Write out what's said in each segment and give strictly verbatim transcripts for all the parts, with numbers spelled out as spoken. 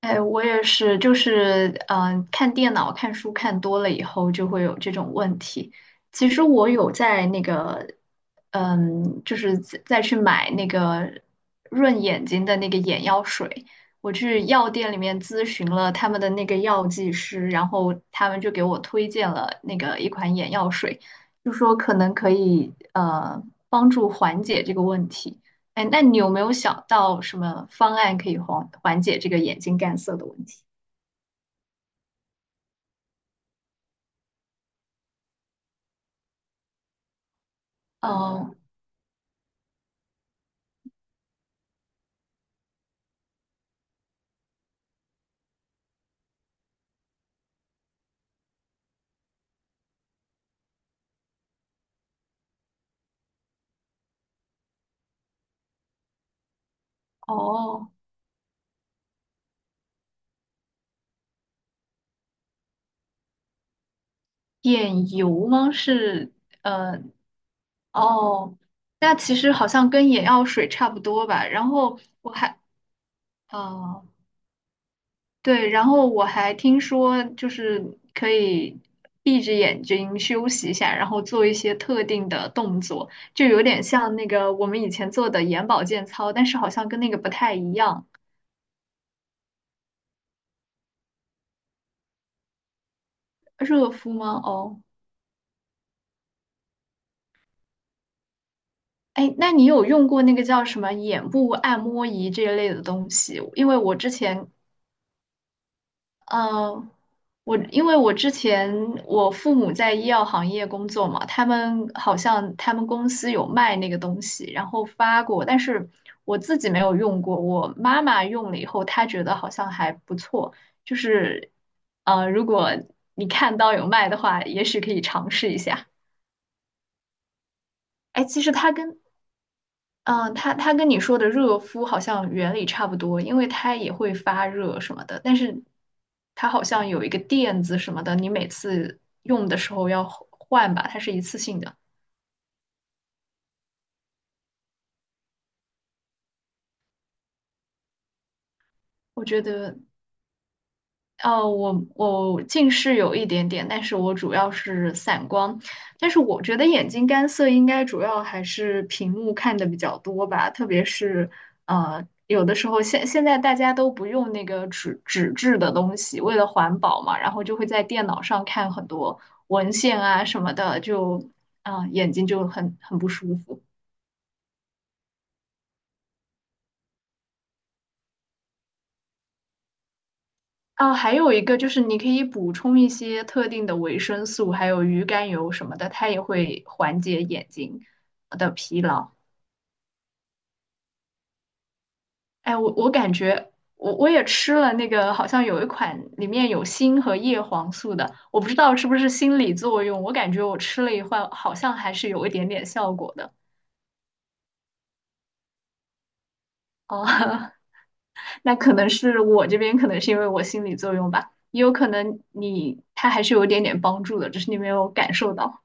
哎，我也是，就是嗯、呃看电脑、看书看多了以后，就会有这种问题。其实我有在那个，嗯，就是再再去买那个润眼睛的那个眼药水。我去药店里面咨询了他们的那个药剂师，然后他们就给我推荐了那个一款眼药水，就说可能可以呃帮助缓解这个问题。哎，那你有没有想到什么方案可以缓缓解这个眼睛干涩的问题？哦。哦，眼油吗？是。呃哦，那其实好像跟眼药水差不多吧。然后我还……哦，对，然后我还听说就是可以闭着眼睛休息一下，然后做一些特定的动作，就有点像那个我们以前做的眼保健操，但是好像跟那个不太一样。热敷吗？哦。哎，那你有用过那个叫什么眼部按摩仪这一类的东西？因为我之前，呃，我因为我之前我父母在医药行业工作嘛，他们好像他们公司有卖那个东西，然后发过，但是我自己没有用过。我妈妈用了以后，她觉得好像还不错，就是，呃，如果你看到有卖的话，也许可以尝试一下。哎，其实它跟……嗯，它它跟你说的热敷好像原理差不多，因为它也会发热什么的，但是它好像有一个垫子什么的，你每次用的时候要换吧，它是一次性的。我觉得……哦，我我近视有一点点，但是我主要是散光。但是我觉得眼睛干涩应该主要还是屏幕看的比较多吧，特别是呃，有的时候现现在大家都不用那个纸纸质的东西，为了环保嘛，然后就会在电脑上看很多文献啊什么的，就啊、眼睛就很很不舒服。啊，还有一个就是你可以补充一些特定的维生素，还有鱼肝油什么的，它也会缓解眼睛的疲劳。哎，我我感觉我我也吃了那个，好像有一款里面有锌和叶黄素的，我不知道是不是心理作用，我感觉我吃了一会儿，好像还是有一点点效果的。哦，那可能是我这边可能是因为我心理作用吧，也有可能你它还是有一点点帮助的，只是你没有感受到。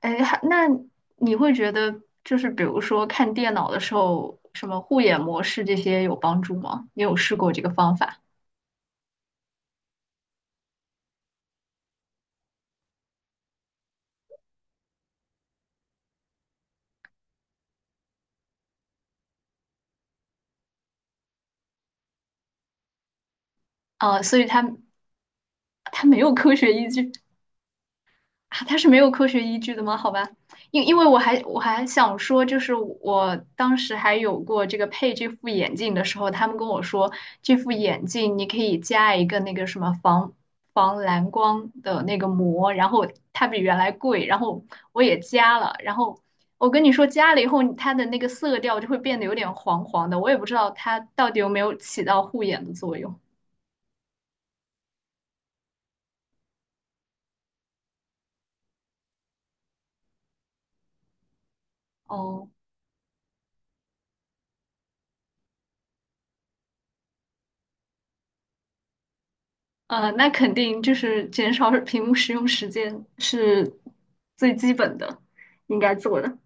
哎，还那你会觉得就是比如说看电脑的时候，什么护眼模式这些有帮助吗？你有试过这个方法啊？所以它……它没有科学依据。啊，它是没有科学依据的吗？好吧，因因为我还我还想说，就是我当时还有过这个配这副眼镜的时候，他们跟我说，这副眼镜你可以加一个那个什么防防蓝光的那个膜，然后它比原来贵，然后我也加了，然后我跟你说加了以后，它的那个色调就会变得有点黄黄的，我也不知道它到底有没有起到护眼的作用。哦。呃，那肯定就是减少 屏幕使用时间是最基本的，应该做的。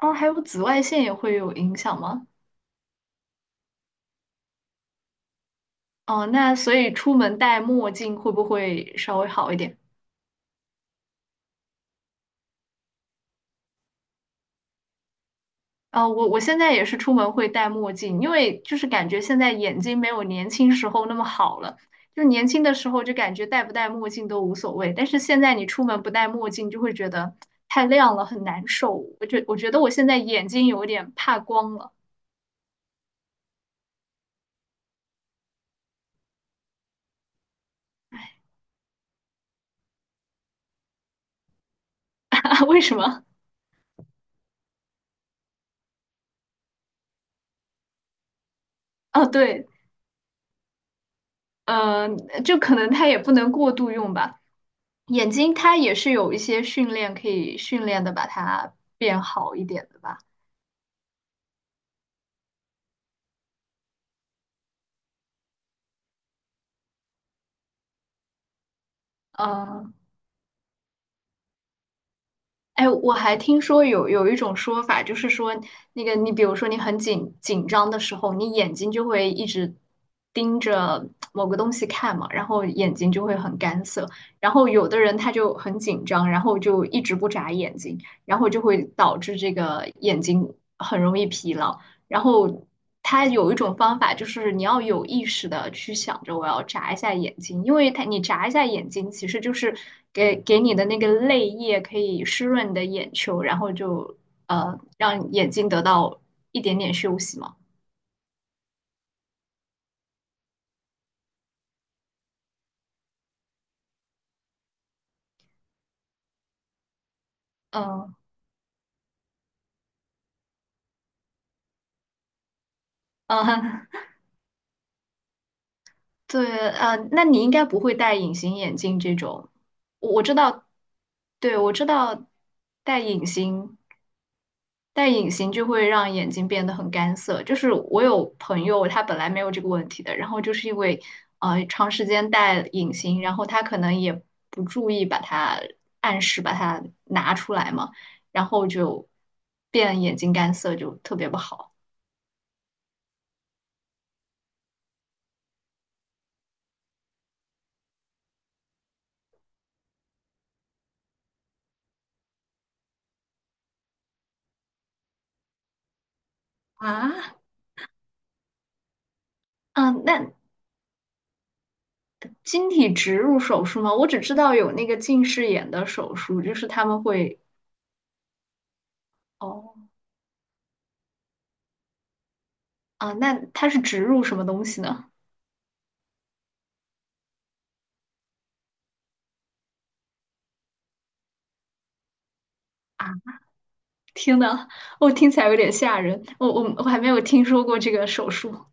哦，还有紫外线也会有影响吗？哦，那所以出门戴墨镜会不会稍微好一点？哦，我我现在也是出门会戴墨镜，因为就是感觉现在眼睛没有年轻时候那么好了。就年轻的时候就感觉戴不戴墨镜都无所谓，但是现在你出门不戴墨镜就会觉得太亮了，很难受。我觉我觉得我现在眼睛有点怕光了。为什么？哦，对，呃，就可能它也不能过度用吧。眼睛它也是有一些训练可以训练的，把它变好一点的吧。嗯。哎，我还听说有有一种说法，就是说那个你比如说你很紧紧张的时候，你眼睛就会一直盯着某个东西看嘛，然后眼睛就会很干涩。然后有的人他就很紧张，然后就一直不眨眼睛，然后就会导致这个眼睛很容易疲劳。然后它有一种方法，就是你要有意识的去想着我要眨一下眼睛，因为它你眨一下眼睛，其实就是给给你的那个泪液可以湿润你的眼球，然后就呃让眼睛得到一点点休息嘛。嗯。嗯，对，呃，那你应该不会戴隐形眼镜这种，我我知道，对，我知道戴隐形。戴隐形就会让眼睛变得很干涩。就是我有朋友，他本来没有这个问题的，然后就是因为呃长时间戴隐形，然后他可能也不注意把它按时把它拿出来嘛，然后就变眼睛干涩，就特别不好。啊。嗯，那晶体植入手术吗？我只知道有那个近视眼的手术，就是他们会……哦，啊，那它是植入什么东西呢？听的，我听起来有点吓人，我我我还没有听说过这个手术。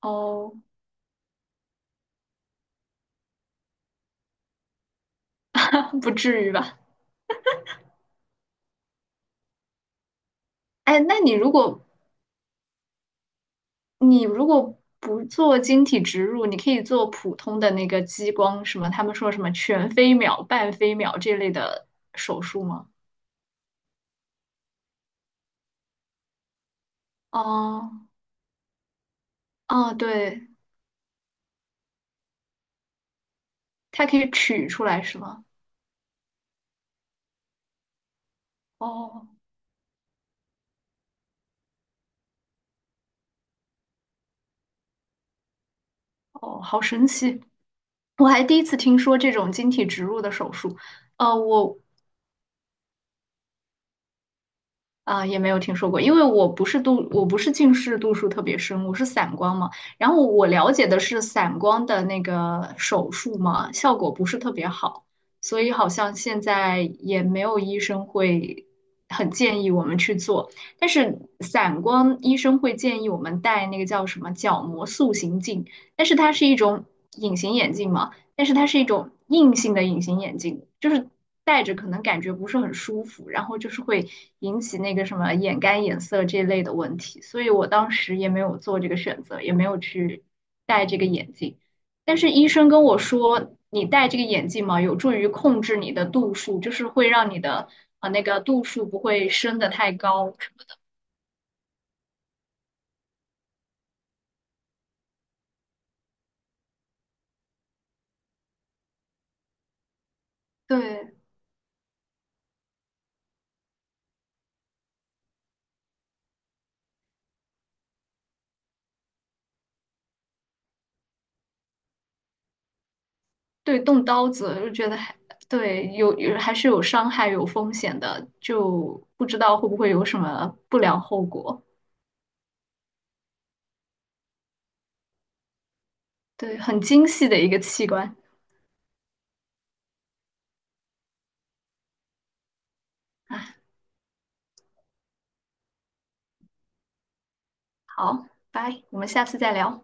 哦，不至于吧？哎，那你如果你如果不做晶体植入，你可以做普通的那个激光，什么他们说什么全飞秒、半飞秒这类的手术吗？哦。哦，对，它可以取出来是吗？哦。哦，好神奇！我还第一次听说这种晶体植入的手术。呃，我啊，也没有听说过，因为我不是度，我不是近视度数特别深，我是散光嘛。然后我了解的是散光的那个手术嘛，效果不是特别好，所以好像现在也没有医生会很建议我们去做。但是散光医生会建议我们戴那个叫什么角膜塑形镜，但是它是一种隐形眼镜嘛，但是它是一种硬性的隐形眼镜，就是戴着可能感觉不是很舒服，然后就是会引起那个什么眼干眼涩这类的问题，所以我当时也没有做这个选择，也没有去戴这个眼镜。但是医生跟我说，你戴这个眼镜嘛，有助于控制你的度数，就是会让你的啊、呃那个度数不会升得太高。对。对，动刀子就觉得还……对，有有还是有伤害、有风险的，就不知道会不会有什么不良后果。对，很精细的一个器官啊。好，拜，我们下次再聊。